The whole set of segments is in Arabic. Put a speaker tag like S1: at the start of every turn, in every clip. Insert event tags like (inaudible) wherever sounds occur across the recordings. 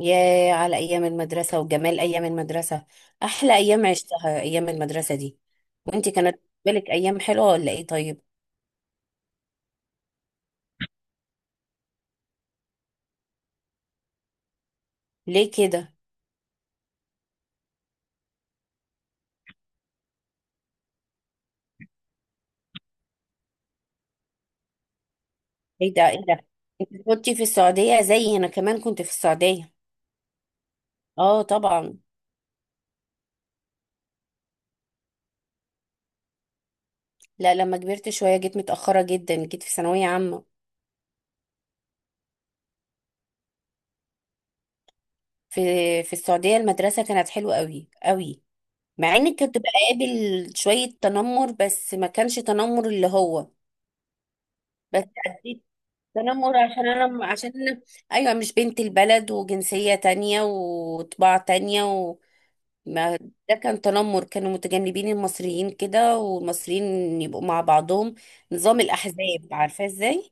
S1: ياه على أيام المدرسة وجمال أيام المدرسة. أحلى أيام عشتها أيام المدرسة دي. وأنت كانت بالك أيام حلوة ولا إيه؟ طيب ليه كده؟ إيه ده إيه ده؟ أنت كنت في السعودية؟ زي أنا كمان كنت في السعودية. آه طبعا. لا لما كبرت شوية جيت متأخرة جدا، جيت في ثانوية عامة. في في السعودية المدرسة كانت حلوة قوي قوي. مع إنك كنت بقابل شوية تنمر، بس ما كانش تنمر اللي هو. بس تنمر عشان عشان أنا ايوه مش بنت البلد، وجنسية تانية وطباع تانية. وما، ده كان تنمر، كانوا متجنبين المصريين كده، والمصريين يبقوا مع بعضهم. نظام الاحزاب، عارفة ازاي.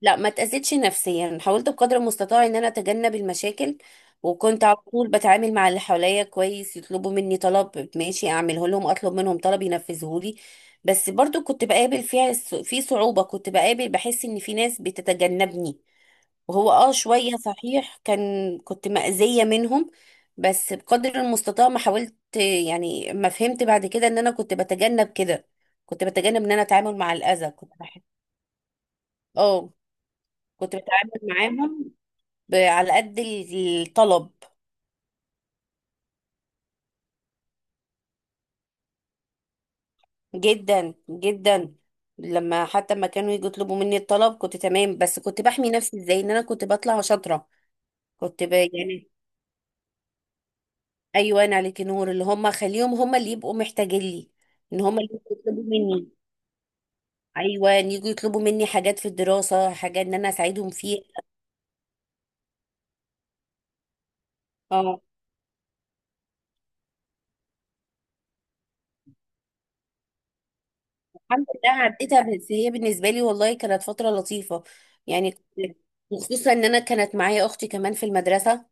S1: لا ما تأذيتش نفسيا، حاولت بقدر المستطاع ان انا اتجنب المشاكل. وكنت على طول بتعامل مع اللي حواليا كويس، يطلبوا مني طلب ماشي اعمله لهم، اطلب منهم طلب ينفذه لي. بس برضو كنت بقابل فيها في صعوبة، كنت بقابل بحس ان في ناس بتتجنبني. وهو اه شوية صحيح كان كنت مأذية منهم. بس بقدر المستطاع ما حاولت. يعني ما فهمت بعد كده ان انا كنت بتجنب كده. كنت بتجنب ان انا اتعامل مع الأذى. كنت بحب. اه كنت بتعامل معاهم على قد الطلب. جدا جدا، لما حتى ما كانوا يجوا يطلبوا مني الطلب كنت تمام. بس كنت بحمي نفسي ازاي؟ ان انا كنت بطلع شاطرة. كنت يعني ايوه، انا عليكي نور اللي هم، خليهم هم اللي يبقوا محتاجين لي. ان هم اللي يطلبوا مني. ايوه، إن يجوا يطلبوا مني حاجات في الدراسه، حاجات ان انا اساعدهم فيها. اه الحمد لله عديتها، بس هي بالنسبه لي والله كانت فتره لطيفه. يعني كنت- وخصوصا ان انا كانت معايا اختي كمان في المدرسه.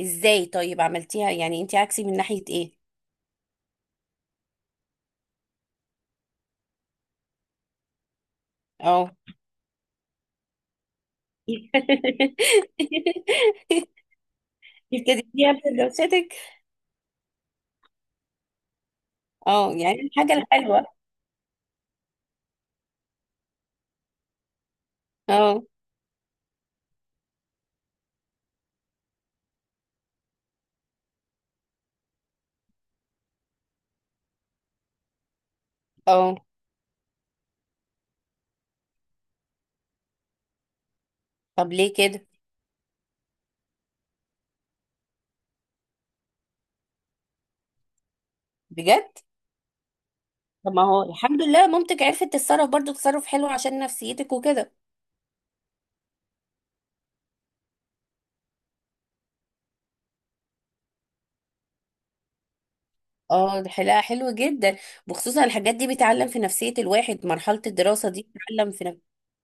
S1: ازاي طيب عملتيها؟ يعني انت عكسي من ناحيه ايه؟ اه. (laughs) ابتديتيها بدراستك. اه يعني الحاجه الحلوه. اه. اه طب ليه كده؟ بجد. طب ما هو الحمد لله مامتك عرفت تتصرف برضو تصرف حلو عشان نفسيتك وكده. اه دي حلقة حلوة جدا. وخصوصا الحاجات دي بتعلم في نفسية الواحد، مرحلة الدراسة دي بتعلم في نفسية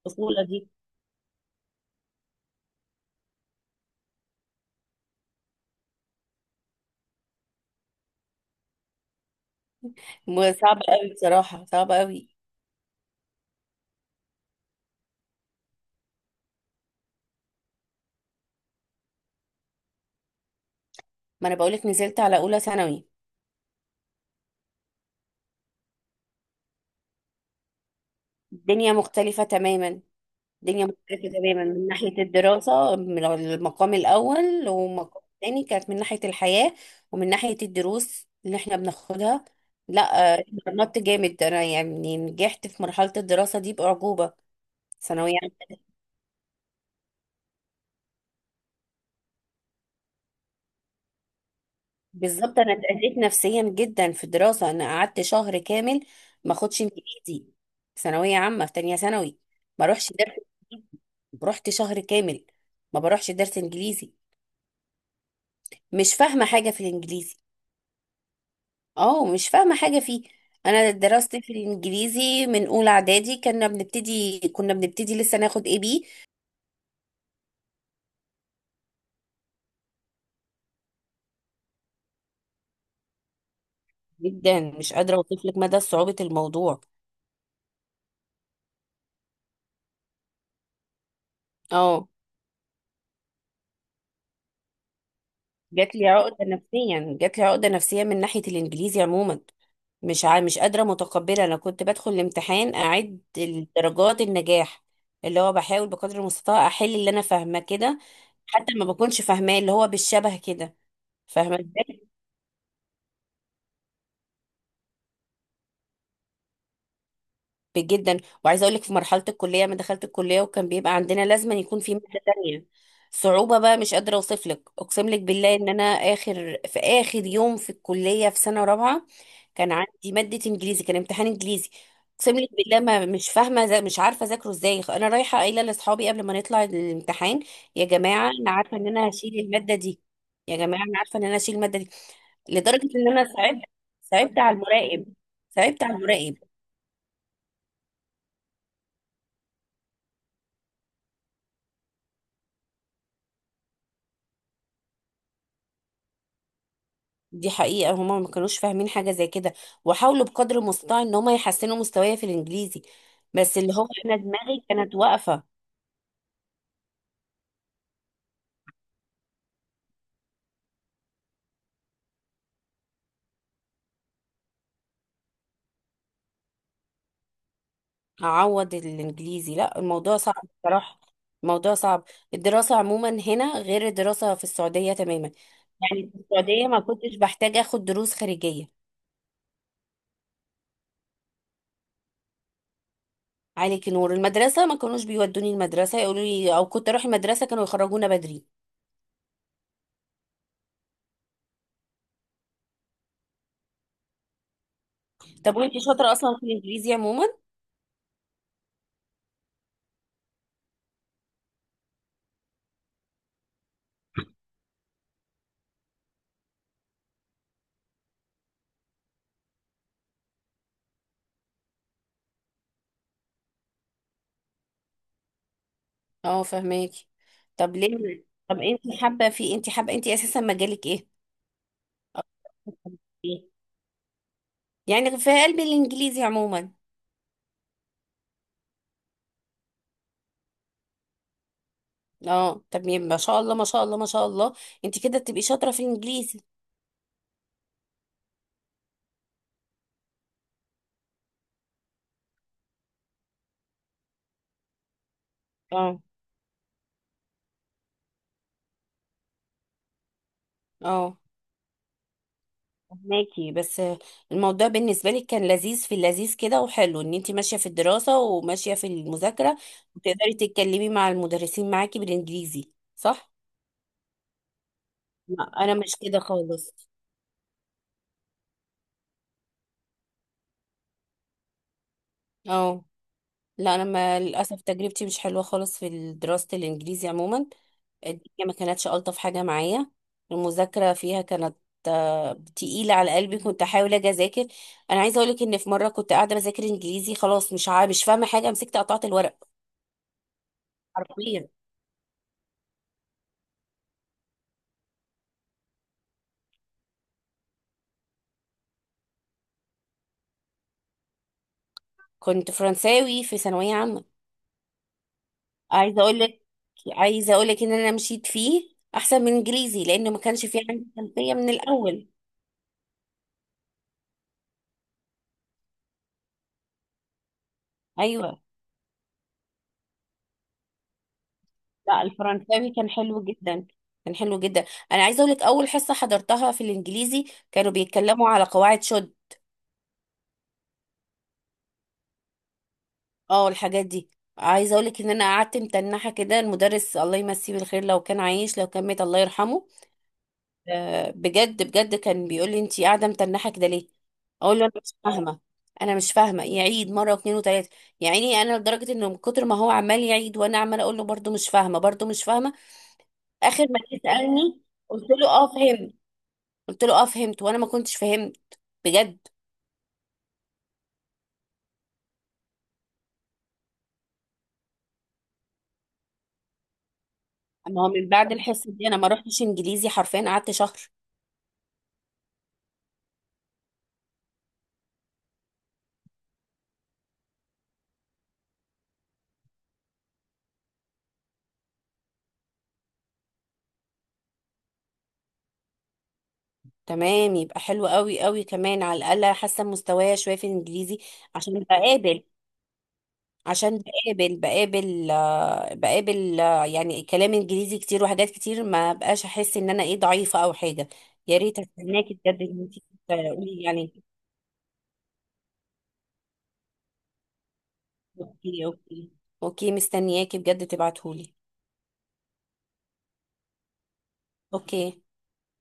S1: الطفولة دي. صعبة قوي بصراحة، صعبة قوي. ما انا بقولك نزلت على اولى ثانوي. الدنيا مختلفة تماما. الدنيا مختلفة تماما من ناحية الدراسة، من المقام الاول والمقام الثاني كانت من ناحية الحياة. ومن ناحية الدروس اللي احنا بناخدها. لا اتمرنت جامد انا، يعني نجحت في مرحلة الدراسة دي بأعجوبة. ثانوية عامة. بالظبط انا اتأذيت نفسيا جدا في الدراسه. انا قعدت شهر كامل ما اخدش انجليزي. ثانويه عامه في تانية ثانوي. ما اروحش درس انجليزي. رحت شهر كامل ما بروحش درس انجليزي. مش فاهمه حاجه في الانجليزي. اه مش فاهمه حاجه فيه. انا دراستي في الانجليزي من اولى اعدادي، كنا بنبتدي لسه ناخد اي بي. جدا مش قادره اوصف لك مدى صعوبه الموضوع. اه جات لي عقده نفسيا، جات لي عقده نفسيا من ناحيه الانجليزي عموما. مش قادرة متقبلة، أنا كنت بدخل الامتحان أعد درجات النجاح. اللي هو بحاول بقدر المستطاع أحل اللي أنا فاهمة كده. حتى ما بكونش فاهماه اللي هو بالشبه كده. فاهمة ازاي. جدا. وعايزه اقول لك في مرحله الكليه، ما دخلت الكليه وكان بيبقى عندنا لازم يكون في ماده تانية. صعوبه بقى مش قادره اوصف لك. اقسم لك بالله ان انا اخر، في اخر يوم في الكليه في سنه رابعه كان عندي ماده انجليزي، كان امتحان انجليزي. اقسم لك بالله ما مش فاهمه، زي مش عارفه اذاكره ازاي. انا رايحه قايله لاصحابي قبل ما نطلع الامتحان: يا جماعه انا عارفه ان انا هشيل الماده دي. يا جماعه انا عارفه ان انا هشيل الماده دي. لدرجه ان انا صعبت، صعبت على المراقب، صعبت على المراقب. دي حقيقة، هما ما كانوش فاهمين حاجة زي كده. وحاولوا بقدر المستطاع ان هما يحسنوا مستواي في الانجليزي. بس اللي هو انا دماغي كانت واقفة. اعوض الانجليزي؟ لا الموضوع صعب بصراحة. الموضوع صعب. الدراسة عموما هنا غير الدراسة في السعودية تماما. يعني في السعودية ما كنتش بحتاج اخد دروس خارجية. عليك نور، المدرسة ما كانوش بيودوني المدرسة يقولوا لي، او كنت اروح المدرسة كانوا يخرجونا بدري. طب وانت شاطرة اصلا في الانجليزي عموما؟ اه فهماكي. طب ليه؟ طب انت حابه في، انت حابه، انت اساسا مجالك ايه؟ إيه؟ يعني في قلبي الانجليزي عموما. اه طب يبقى ما شاء الله ما شاء الله ما شاء الله. انت كده تبقي شاطره في الانجليزي. اه اه فهماكي. بس الموضوع بالنسبه لك كان لذيذ، في اللذيذ كده وحلو ان انت ماشيه في الدراسه وماشيه في المذاكره، وتقدري تتكلمي مع المدرسين معاكي بالانجليزي صح؟ لا انا مش كده خالص. اه لا انا، ما للاسف تجربتي مش حلوه خالص في دراسه الانجليزي عموما. الدنيا ما كانتش الطف حاجه معايا. المذاكره فيها كانت تقيله على قلبي. كنت احاول اجي اذاكر. انا عايزه اقولك ان في مره كنت قاعده بذاكر انجليزي، خلاص مش فاهمه حاجه، مسكت قطعت الورق حرفيا. كنت فرنساوي في ثانويه عامه. عايزه اقولك، عايزه اقولك ان انا مشيت فيه احسن من انجليزي، لان ما كانش فيه عندي خلفيه من الاول. ايوه. لا الفرنساوي كان حلو جدا، كان حلو جدا. انا عايزه اقول لك اول حصه حضرتها في الانجليزي كانوا بيتكلموا على قواعد شد. اه الحاجات دي. عايزه اقول لك ان انا قعدت متنحه كده. المدرس الله يمسيه بالخير لو كان عايش، لو كان مات الله يرحمه، بجد بجد كان بيقول لي انت قاعده متنحه كده ليه. اقول له انا مش فاهمه. انا مش فاهمه. يعيد مره واثنين وثلاثه. يعني انا لدرجه انه من كتر ما هو عمال يعيد وانا عمال اقول له برده مش فاهمه برده مش فاهمه. اخر ما جه سالني، قلت له اه فهمت. قلت له اه فهمت وانا ما كنتش فهمت. بجد. ما هو من بعد الحصه دي انا ما رحتش انجليزي، حرفيا قعدت شهر. تمام يبقى حلو قوي قوي، كمان على الاقل حاسه مستوايا شويه في الانجليزي. عشان بقابل، عشان بقابل بقابل يعني كلام انجليزي كتير وحاجات كتير، ما بقاش احس ان انا ايه ضعيفه او حاجه. يا ريت استناكي بجد ان انت تقولي يعني. اوكي اوكي. اوكي مستنياكي بجد تبعتهولي. اوكي.